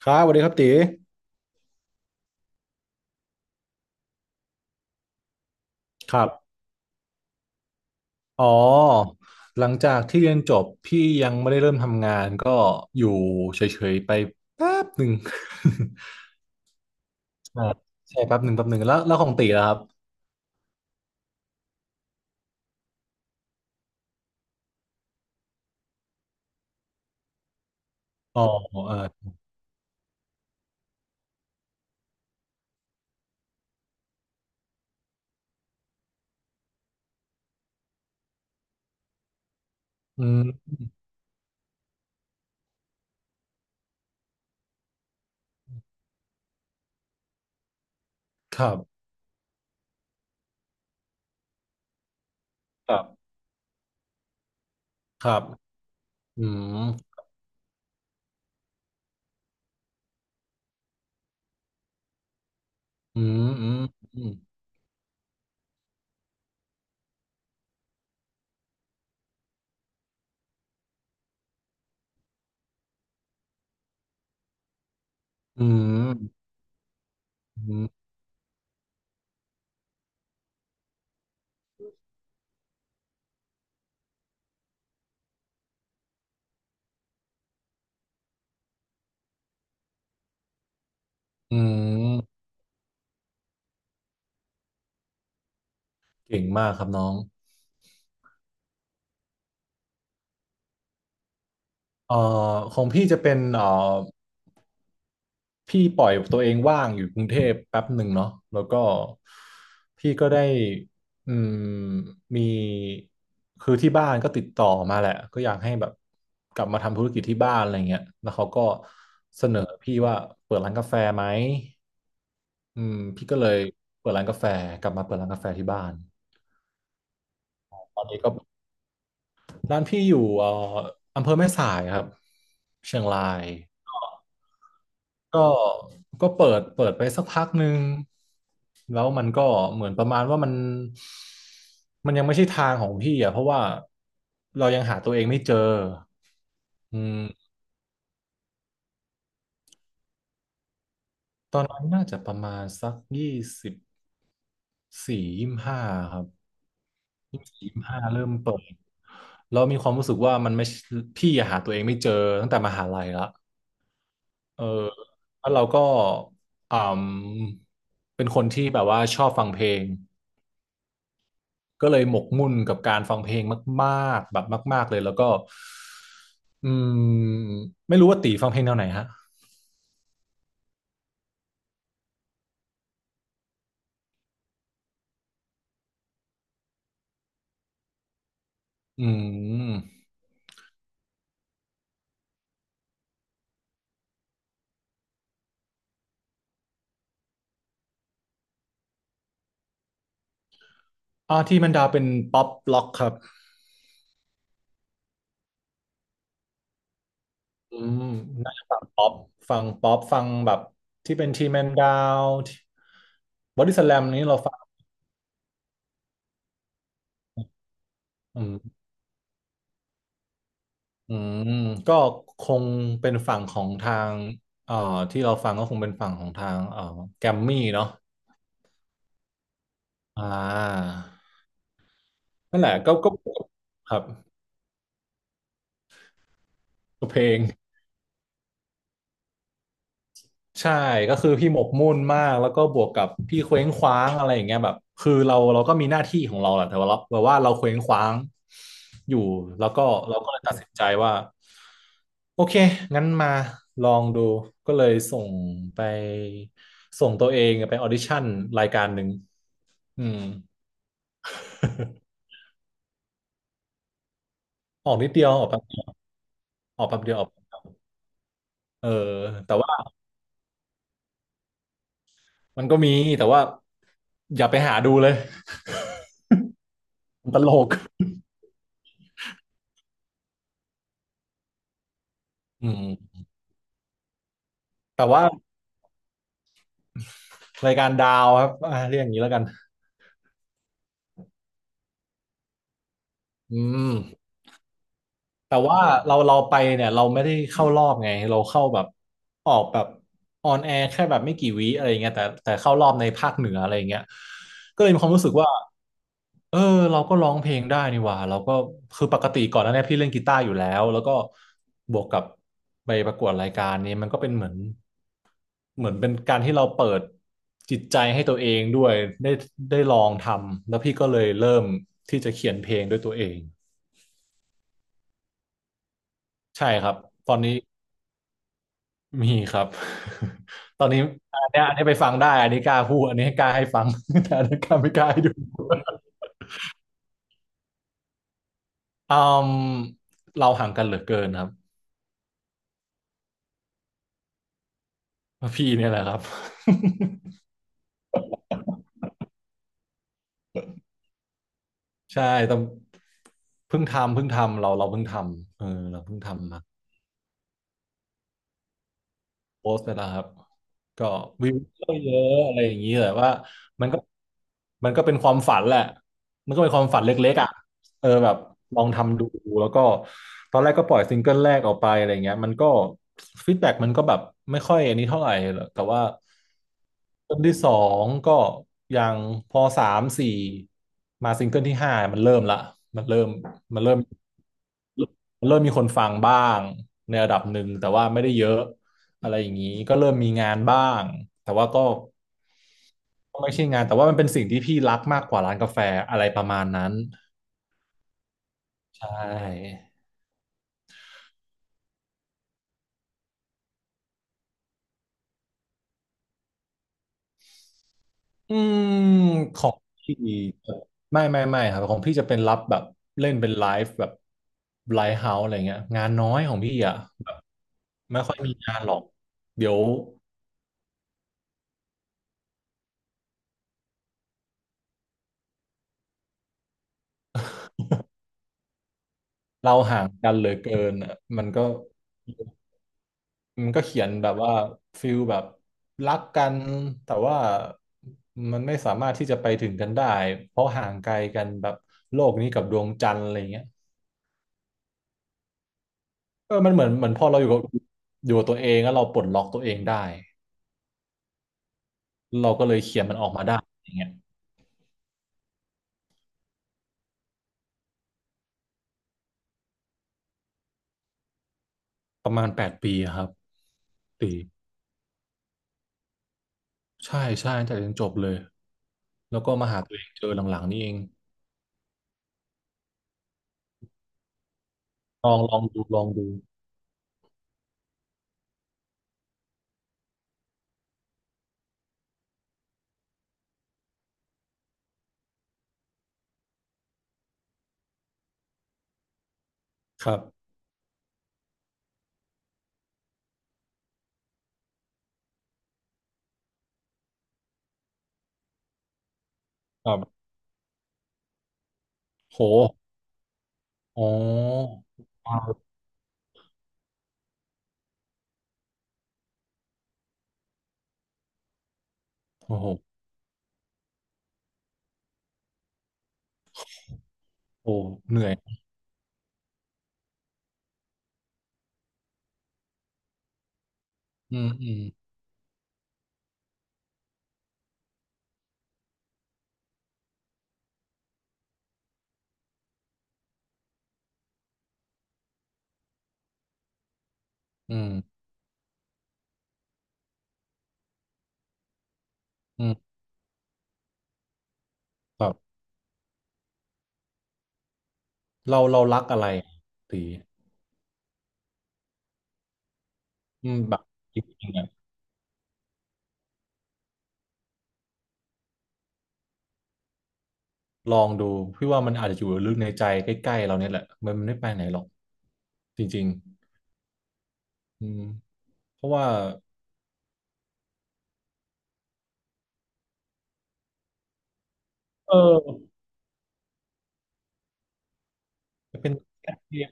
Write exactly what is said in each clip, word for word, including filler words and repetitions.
ครับสวัสดีครับตีครับอ๋อหลังจากที่เรียนจบพี่ยังไม่ได้เริ่มทำงานก็อยู่เฉยๆไปแป๊บหนึ่ง ใช่ ใช่แป๊บหนึ่งแป๊บหนึ่งแล้วแล้วของตีล่ะครับอ๋อเอออืมครับครับครับอืมอืมอืมอืมอืมอืมอืมเก่งมากครับน้องเอ่อของพี่จะเป็นเอ่อ พี่ปล่อยตัวเองว่างอยู่กรุงเทพแป๊บหนึ่งเนาะแล้วก็พี่ก็ได้อืมมีคือที่บ้านก็ติดต่อมาแหละก็อยากให้แบบกลับมาทำธุรกิจที่บ้านอะไรเงี้ยแล้วเขาก็เสนอพี่ว่าเปิดร้านกาแฟไหมอืมพี่ก็เลยเปิดร้านกาแฟกลับมาเปิดร้านกาแฟที่บ้านตอนนี้ก็ร้านพี่อยู่เอ่ออำเภอแม่สายครับเชียงราย ก็ก็เปิดเปิดไปสักพักหนึ่งแล้วมันก็เหมือนประมาณว่ามันมันยังไม่ใช่ทางของพี่อ่ะเพราะว่าเรายังหาตัวเองไม่เจออืมตอนนั้นน่าจะประมาณสักยี่สิบสี่ยี่สิบห้าครับยี่สบสี่ยี่สิบห้าเริ่มเปิดแล้วมีความรู้สึกว่ามันไม่ใช่พี่อะหาตัวเองไม่เจอตั้งแต่มหาลัยละเออแล้วเราก็อืมเป็นคนที่แบบว่าชอบฟังเพลง ก็เลยหมกมุ่นกับการฟังเพลงมากๆแบบมากๆเลยแล้วก็อืมไม่รู้ว่าตีฟังเพลงแนวไหนฮะอืมอ่าที่มันดาวเป็นป๊อปล็อกครับอืมน่าจะฟังป๊อปฟังป๊อปฟังแบบที่เป็นทีแมนดาวบอดี้สแลมนี้เราฟังอืมอืมก็คงเป็นฝั่งของทางเอ่อที่เราฟังก็คงเป็นฝั่งของทางเอ่อแกมมี่เนาะอ่านั่นแหละก็ก็ครับเพลง ใช่ก็คือพี่หมกมุ่นมากแล้วก็บวกกับพี่เคว้งคว้างอะไรอย่างเงี้ยแบบคือเราเราก็มีหน้าที่ของเราแหละแต่ว่าเราแบบว่าเราเคว้งคว้างอยู่แล้วก็เราก็เลยตัดสินใจว่าโอเคงั้นมาลองดูก็เลยส่งไปส่งตัวเองไปออดิชั่นรายการหนึ่งอืมออกนิดเดียวออกแป๊บเดียวออกแป๊บเดียวออกเออแต่ว่ามันก็มีแต่ว่าอย่าไปหาดูเลย มันตลกอืมแต่ว่า รายการดาวครับอ่าเรียกอย่างนี้แล้วกันอืมแต่ว่าเราเราไปเนี่ยเราไม่ได้เข้ารอบไงเราเข้าแบบออกแบบออนแอร์แค่แบบไม่กี่วิอะไรเงี้ยแต่แต่เข้ารอบในภาคเหนืออะไรเงี้ยก็เลยมีความรู้สึกว่าเออเราก็ร้องเพลงได้นี่หว่าเราก็คือปกติก่อนหน้าเนี้พี่เล่นกีตาร์อยู่แล้วแล้วก็บวกกับไปประกวดรายการนี้มันก็เป็นเหมือนเหมือนเป็นการที่เราเปิดจิตใจให้ตัวเองด้วยได้ได้ลองทำแล้วพี่ก็เลยเริ่มที่จะเขียนเพลงด้วยตัวเอง ใช่ครับตอนนี้มีครับ ตอนนี้อันเนี้ยอันนี้ไปฟังได้อันนี้กล้าพูดอันนี้ให้กล้าให้ฟัง แต่อันนี้กล้าไม่กล้าให้ดู อืมเราห่างกันเหลือเกินครับพี่เนี่ยแหละครับ ใช่แต่เพิ่งทำเพิ่งทำเราเราเพิ่งทำเออเราเพิ่งทำมา โพสต์ไปแล้วครับก็วิวก็เยอะอะไรอย่างนี้แต่ว่ามันก็มันก็เป็นความฝันแหละมันก็เป็นความฝันเล็กๆอ่ะเออแบบลองทำดูแล้วก็ตอนแรกก็ปล่อยซิงเกิลแรกออกไปอะไรเงี้ยมันก็ฟีดแบ็กมันก็แบบไม่ค่อยอันนี้เท่าไหร่หรอกแต่ว่าซิงเกิลที่สองก็ยังพอสามสี่มาซิงเกิลที่ห้ามันเริ่มละมันเริ่มมันเริ่มเริ่มมีคนฟังบ้างในระดับหนึ่งแต่ว่าไม่ได้เยอะ อะไรอย่างนี้ก็เริ่มมีงานบ้างแต่ว่าก็ไม่ใช่งานแต่ว่ามันเป็นสิ่งที่พี่รักมากกว่าร้านกาแฟอะไรประมาณนั้นใช่อืมของพี่ไม่ไม่ไม่ครับของพี่จะเป็นรับแบบเล่นเป็นไลฟ์แบบไลฟ์เฮาส์อะไรเงี้ยงานน้อยของพี่อ่ะแบบไม่ค่อยมีงานหรอกเดี๋ยวเราห่างกันเหลือเกินอะมันก็ มันก็เขียนแบบว่าฟิลแบบรักกันแต่ว่ามันไม่สามารถที่จะไปถึงกันได้เพราะห่างไกลกันแบบโลกนี้กับดวงจันทร์อะไรเงี้ยเออมันเหมือนเหมือนพอเราอยู่กับอยู่กับตัวเองแล้วเราปลดล็อกตัวเองได้เราก็เลยเขียนมันออกมาได้อย่างเงี้ยประมาณแปดปีอะครับปีใช่ใช่ตั้งแต่เรียนจบเลยแล้วก็มาหาตัวเองเจอหลังๆนี่เองลองลองดูลองดูครับครับโหอ๋อโอ้โหโอ้เหนื่อย อืมอืมอืมอืมแบบเราเรารักอะไรตีอืมแบบจริงๆอะลองดูพี่ว่ามันอาจจะอยู่ลึกในใจใกล้ๆเราเนี่ยแหละมันไม่ไปไหนหรอกจริงๆอืมเพราะว่าเออเป็นแคสเกม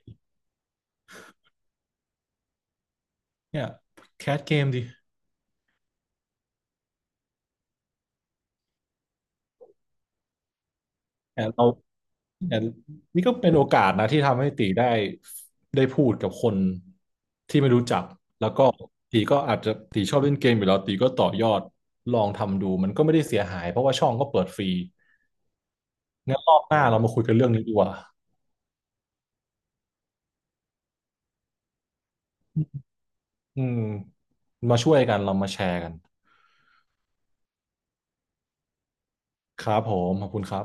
เนี่ยแคสเกมดิแต่เรา เนี่ยนี่ก็เป็นโอกาสนะที่ทำให้ตีได้ได้พูดกับคนที่ไม่รู้จักแล้วก็ตีก็อาจจะตีชอบเล่นเกมอยู่แล้วตีก็ต่อยอดลองทำดูมันก็ไม่ได้เสียหายเพราะว่าช่องก็เปิดฟรีงั้นรอบหน้าเรามาคุยกันเรื่องนี้ดีกว่าอืมมาช่วยกันเรามาแชร์กันครับผมขอบคุณครับ